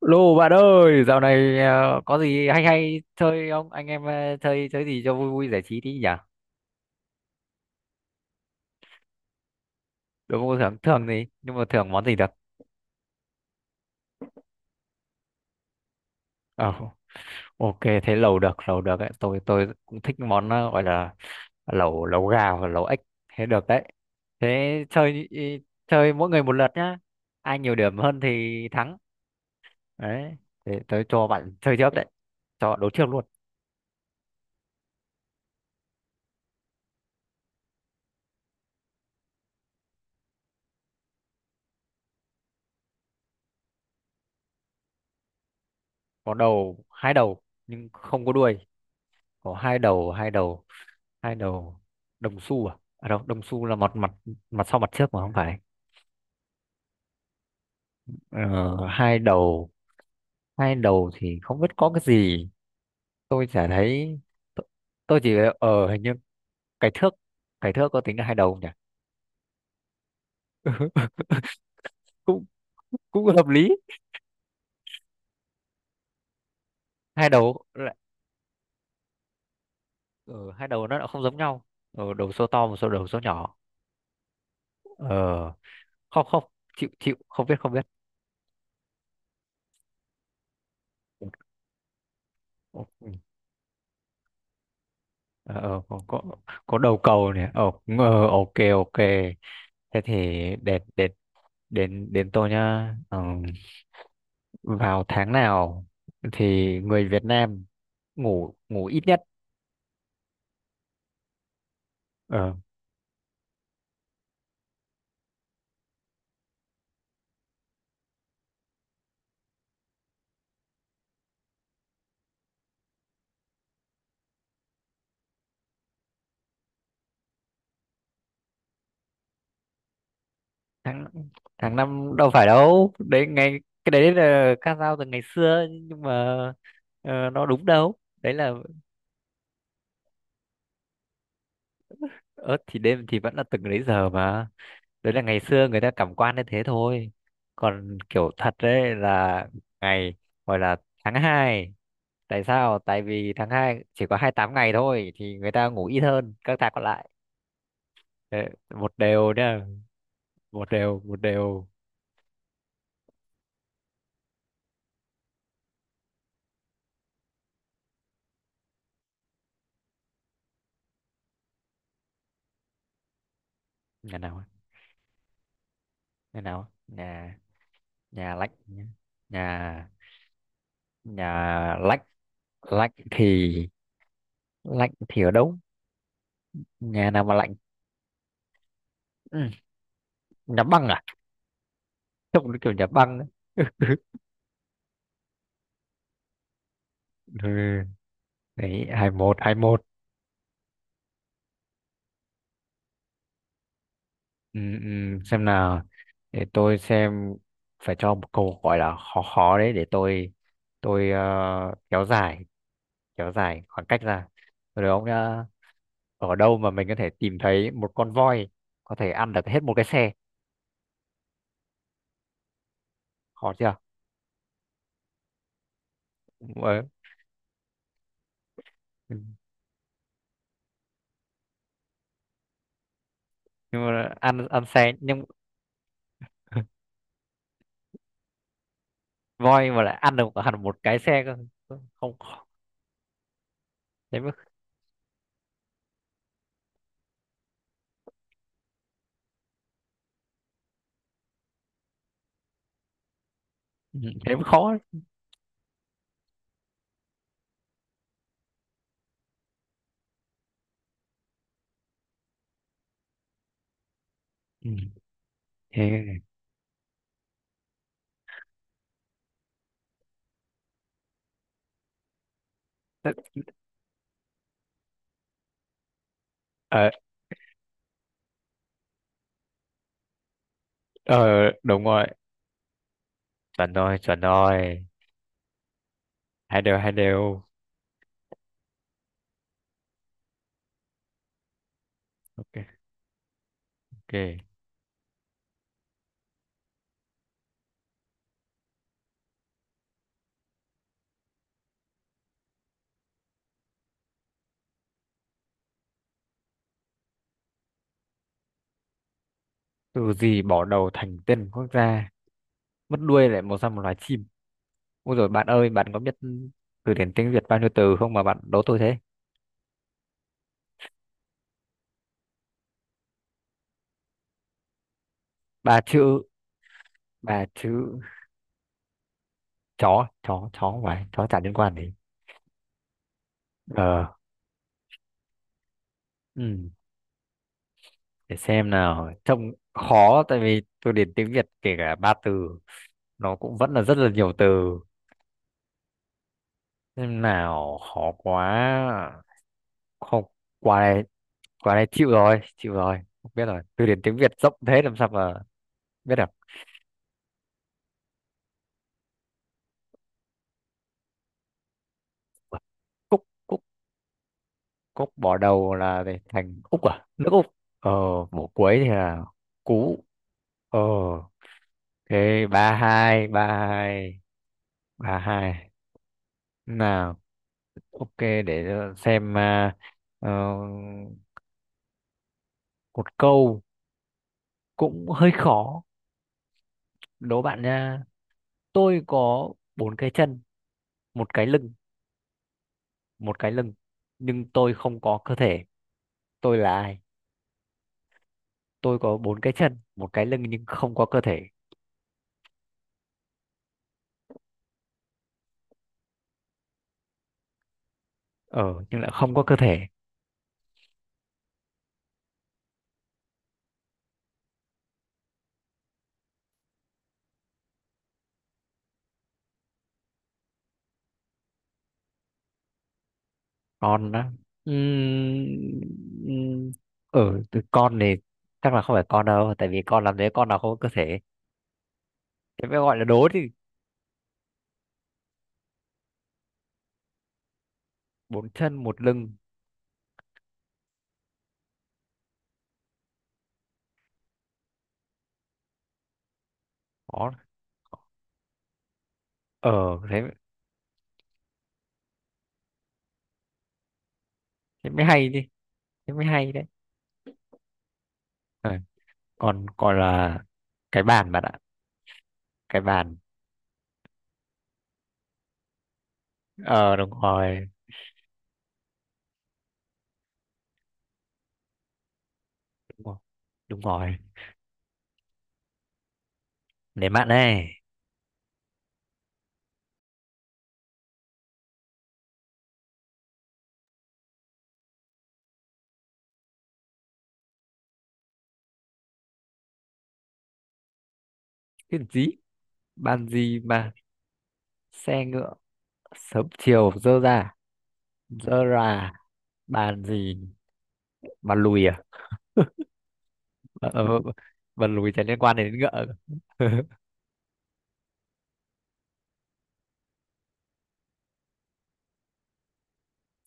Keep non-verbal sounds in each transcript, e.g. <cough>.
Lô bạn ơi, dạo này có gì hay hay chơi không? Anh em chơi chơi gì cho vui vui giải trí tí nhỉ? Đối không thường thường thì nhưng mà thường món gì được? Ờ, ok thế lẩu được đấy. Tôi cũng thích món gọi là lẩu lẩu gà hoặc lẩu ếch, thế được đấy. Thế chơi ý- Chơi mỗi người một lượt nhá. Ai nhiều điểm hơn thì thắng. Đấy, thế tôi cho bạn chơi trước đấy. Cho đấu trước luôn. Có đầu, hai đầu nhưng không có đuôi. Có hai đầu, hai đầu, hai đầu. Đồng xu à? Đâu, đồng xu là mặt, mặt sau mặt trước mà không phải. ờ, Hai đầu, hai đầu thì không biết có cái gì, tôi chả thấy. t- tôi chỉ, ở hình như cái thước, cái thước có tính là hai đầu không nhỉ? <laughs> cũng cũng hợp lý. Hai đầu lại, ừ, hai đầu nó lại không giống nhau. Ừ, đầu số to, một số đầu số nhỏ. ờ Không, không, chịu chịu không biết. Không biết. Ờ, có, có đầu cầu này. Ờ ok, ok, thế thì đến đến đến đến tôi nhá. Ờ, vào tháng nào thì người Việt Nam ngủ ngủ ít nhất? ờ Tháng, tháng năm đâu phải, đâu đấy ngày. Cái đấy là ca dao từ ngày xưa nhưng mà nó đúng đâu. Đấy là ớt thì đêm thì vẫn là từng đấy giờ mà. Đấy là ngày xưa người ta cảm quan như thế thôi. Còn kiểu thật đấy là ngày, gọi là tháng hai. Tại sao? Tại vì tháng 2 chỉ có 28 ngày thôi thì người ta ngủ ít hơn các tháng còn lại. Đấy, một đều nhá. Một đều, một đều. Nhà nào ấy? Nhà nào ấy? Nhà, nhà lạnh nhá. Nhà, nhà lạnh. Lạnh thì, lạnh thì ở đâu? Nhà nào mà lạnh? Ừ, nhà băng à, trông nó kiểu nhà băng ấy. Ừ. Đấy, hai một, hai một. Ừ, ừ, xem nào, để tôi xem. Phải cho một câu gọi là khó, khó đấy, để tôi kéo dài, kéo dài khoảng cách ra. Rồi ông nhá, ở đâu mà mình có thể tìm thấy một con voi có thể ăn được hết một cái xe? Khó chưa? Ờ, nhưng mà ăn, ăn xe, nhưng <laughs> voi mà lại ăn được hẳn một cái xe cơ, không khó. Thế mới, ừ, thế mới khó đấy. Ừ, thế tức- ờ ờ, đúng rồi, chuẩn rồi, chuẩn rồi. Hai đều, hai đều. Ok, ok. Từ gì bỏ đầu thành tên quốc gia, mất đuôi lại mọc ra một loài chim? Ôi rồi bạn ơi, bạn có biết từ điển tiếng Việt bao nhiêu từ không mà bạn đố tôi thế? Ba chữ, ba chữ, chó chó chó, không phải chó, chả liên quan gì. ờ ừ, để xem nào, trông khó tại vì từ điển tiếng Việt kể cả ba từ, nó cũng vẫn là rất là nhiều từ. Xem nào, khó quá, không, qua đây, qua đây chịu rồi, chịu rồi không biết rồi. Từ điển tiếng Việt rộng thế làm sao mà biết được? Cúc, cúc, Cúc bỏ đầu là về thành Úc, à nước Úc. Ờ, bỏ cuối thì là Cú. Ờ, thế ba hai, ba hai. Ba hai, nào, ok, để xem. À, ờ, một câu cũng hơi khó, đố bạn nha. Tôi có bốn cái chân, một cái lưng, một cái lưng nhưng tôi không có cơ thể, tôi là ai? Tôi có bốn cái chân một cái lưng nhưng không có cơ thể. Ờ nhưng lại không có cơ thể. Con đó, ừm, ừ, từ con này chắc là không phải con đâu tại vì con làm thế, con nào không có cơ thể. Thế mới gọi là đố thì. Bốn chân một lưng. Có, ờ, thế, thế mới hay đi, thế mới hay đấy. Ờ, còn còn là cái bàn bạn ạ, cái bàn. Ờ đúng rồi, đúng rồi, đúng rồi, để bạn này. Cái gì, bàn gì mà xe ngựa sớm chiều dơ ra, dơ ra? Bàn gì, bàn lùi à? Ờ, bật lùi chả liên quan đến ngựa. <laughs>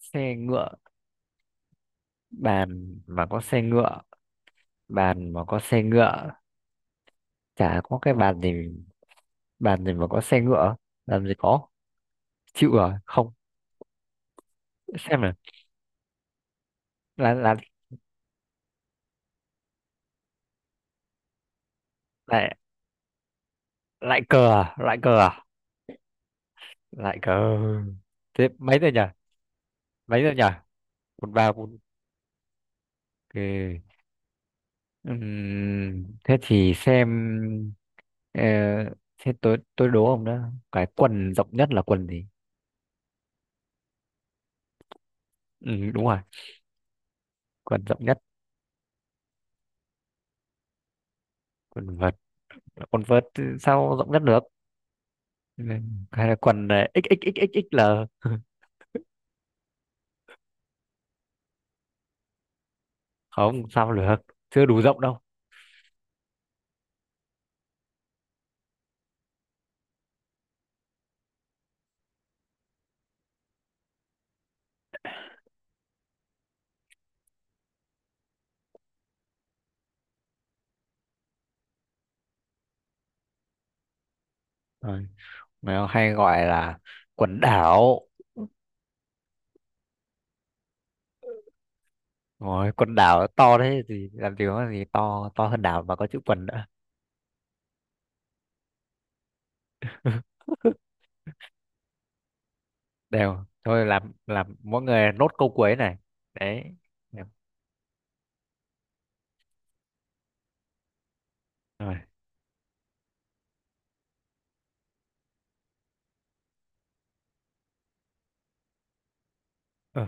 Xe ngựa, bàn mà có xe ngựa, bàn mà có xe ngựa, chả có cái bàn gì, bàn gì mà có xe ngựa, làm gì có, chịu rồi không. Xem này, là, lại, lại cờ à? Lại cờ à? Lại cờ. Thế mấy rồi nhỉ? Mấy rồi nhỉ? Một ba bốn. Ok. Thế thì xem, ờ, thế tôi đố ông đó, cái quần rộng nhất là quần gì? Ừ, đúng rồi, quần rộng nhất. Quần vợt? Quần vợt thì sao rộng nhất được. Ừ, hay là quần XXXXXL? <laughs> Không sao được, chưa đủ rộng đâu. Rồi, nó hay gọi là quần đảo. Rồi quần đảo to thế thì làm gì có gì to to hơn đảo mà có chữ quần nữa. <laughs> Đều thôi, làm mỗi người nốt câu cuối này, đấy. Được. Rồi. Ờ,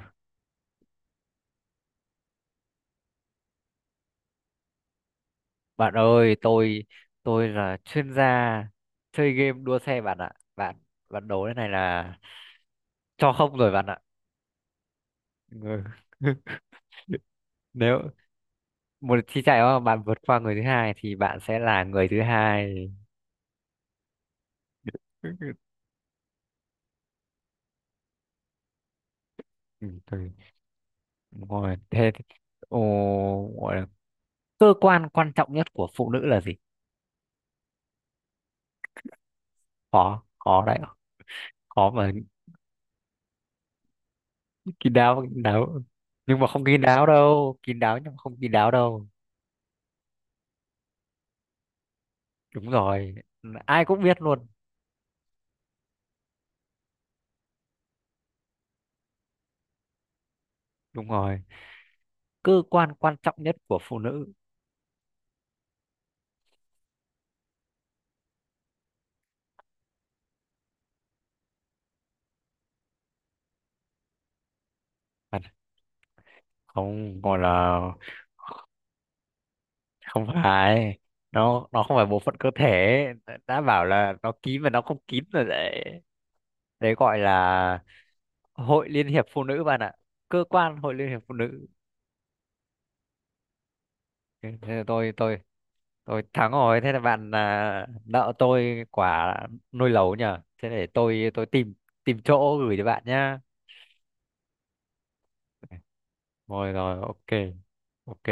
bạn ơi, tôi là chuyên gia chơi game đua xe bạn ạ, bạn, bạn đố cái này là cho không rồi bạn ạ. Ừ. <laughs> Nếu một chi chạy mà bạn vượt qua người thứ hai thì bạn sẽ là người thứ hai. <laughs> Ừ, thôi, ngồi ồ, gọi là cơ quan quan trọng nhất của phụ nữ là gì? Khó, khó đấy, khó mà. Kín đáo, kín đáo nhưng mà không kín đáo đâu, kín đáo nhưng mà không kín đáo đâu. Đúng rồi, ai cũng biết luôn. Đúng rồi, cơ quan quan trọng nhất của phụ nữ. À, không, gọi là, không phải, nó không phải bộ phận cơ thể, đã bảo là nó kín và nó không kín rồi đấy. Đấy, gọi là Hội Liên hiệp Phụ nữ bạn ạ, cơ quan Hội Liên hiệp Phụ nữ. Thế là tôi, tôi thắng rồi, thế là bạn à, nợ tôi quả nồi lẩu nhờ, thế để tôi tìm, tìm chỗ gửi cho bạn nhá. Rồi, rồi, ok, ok.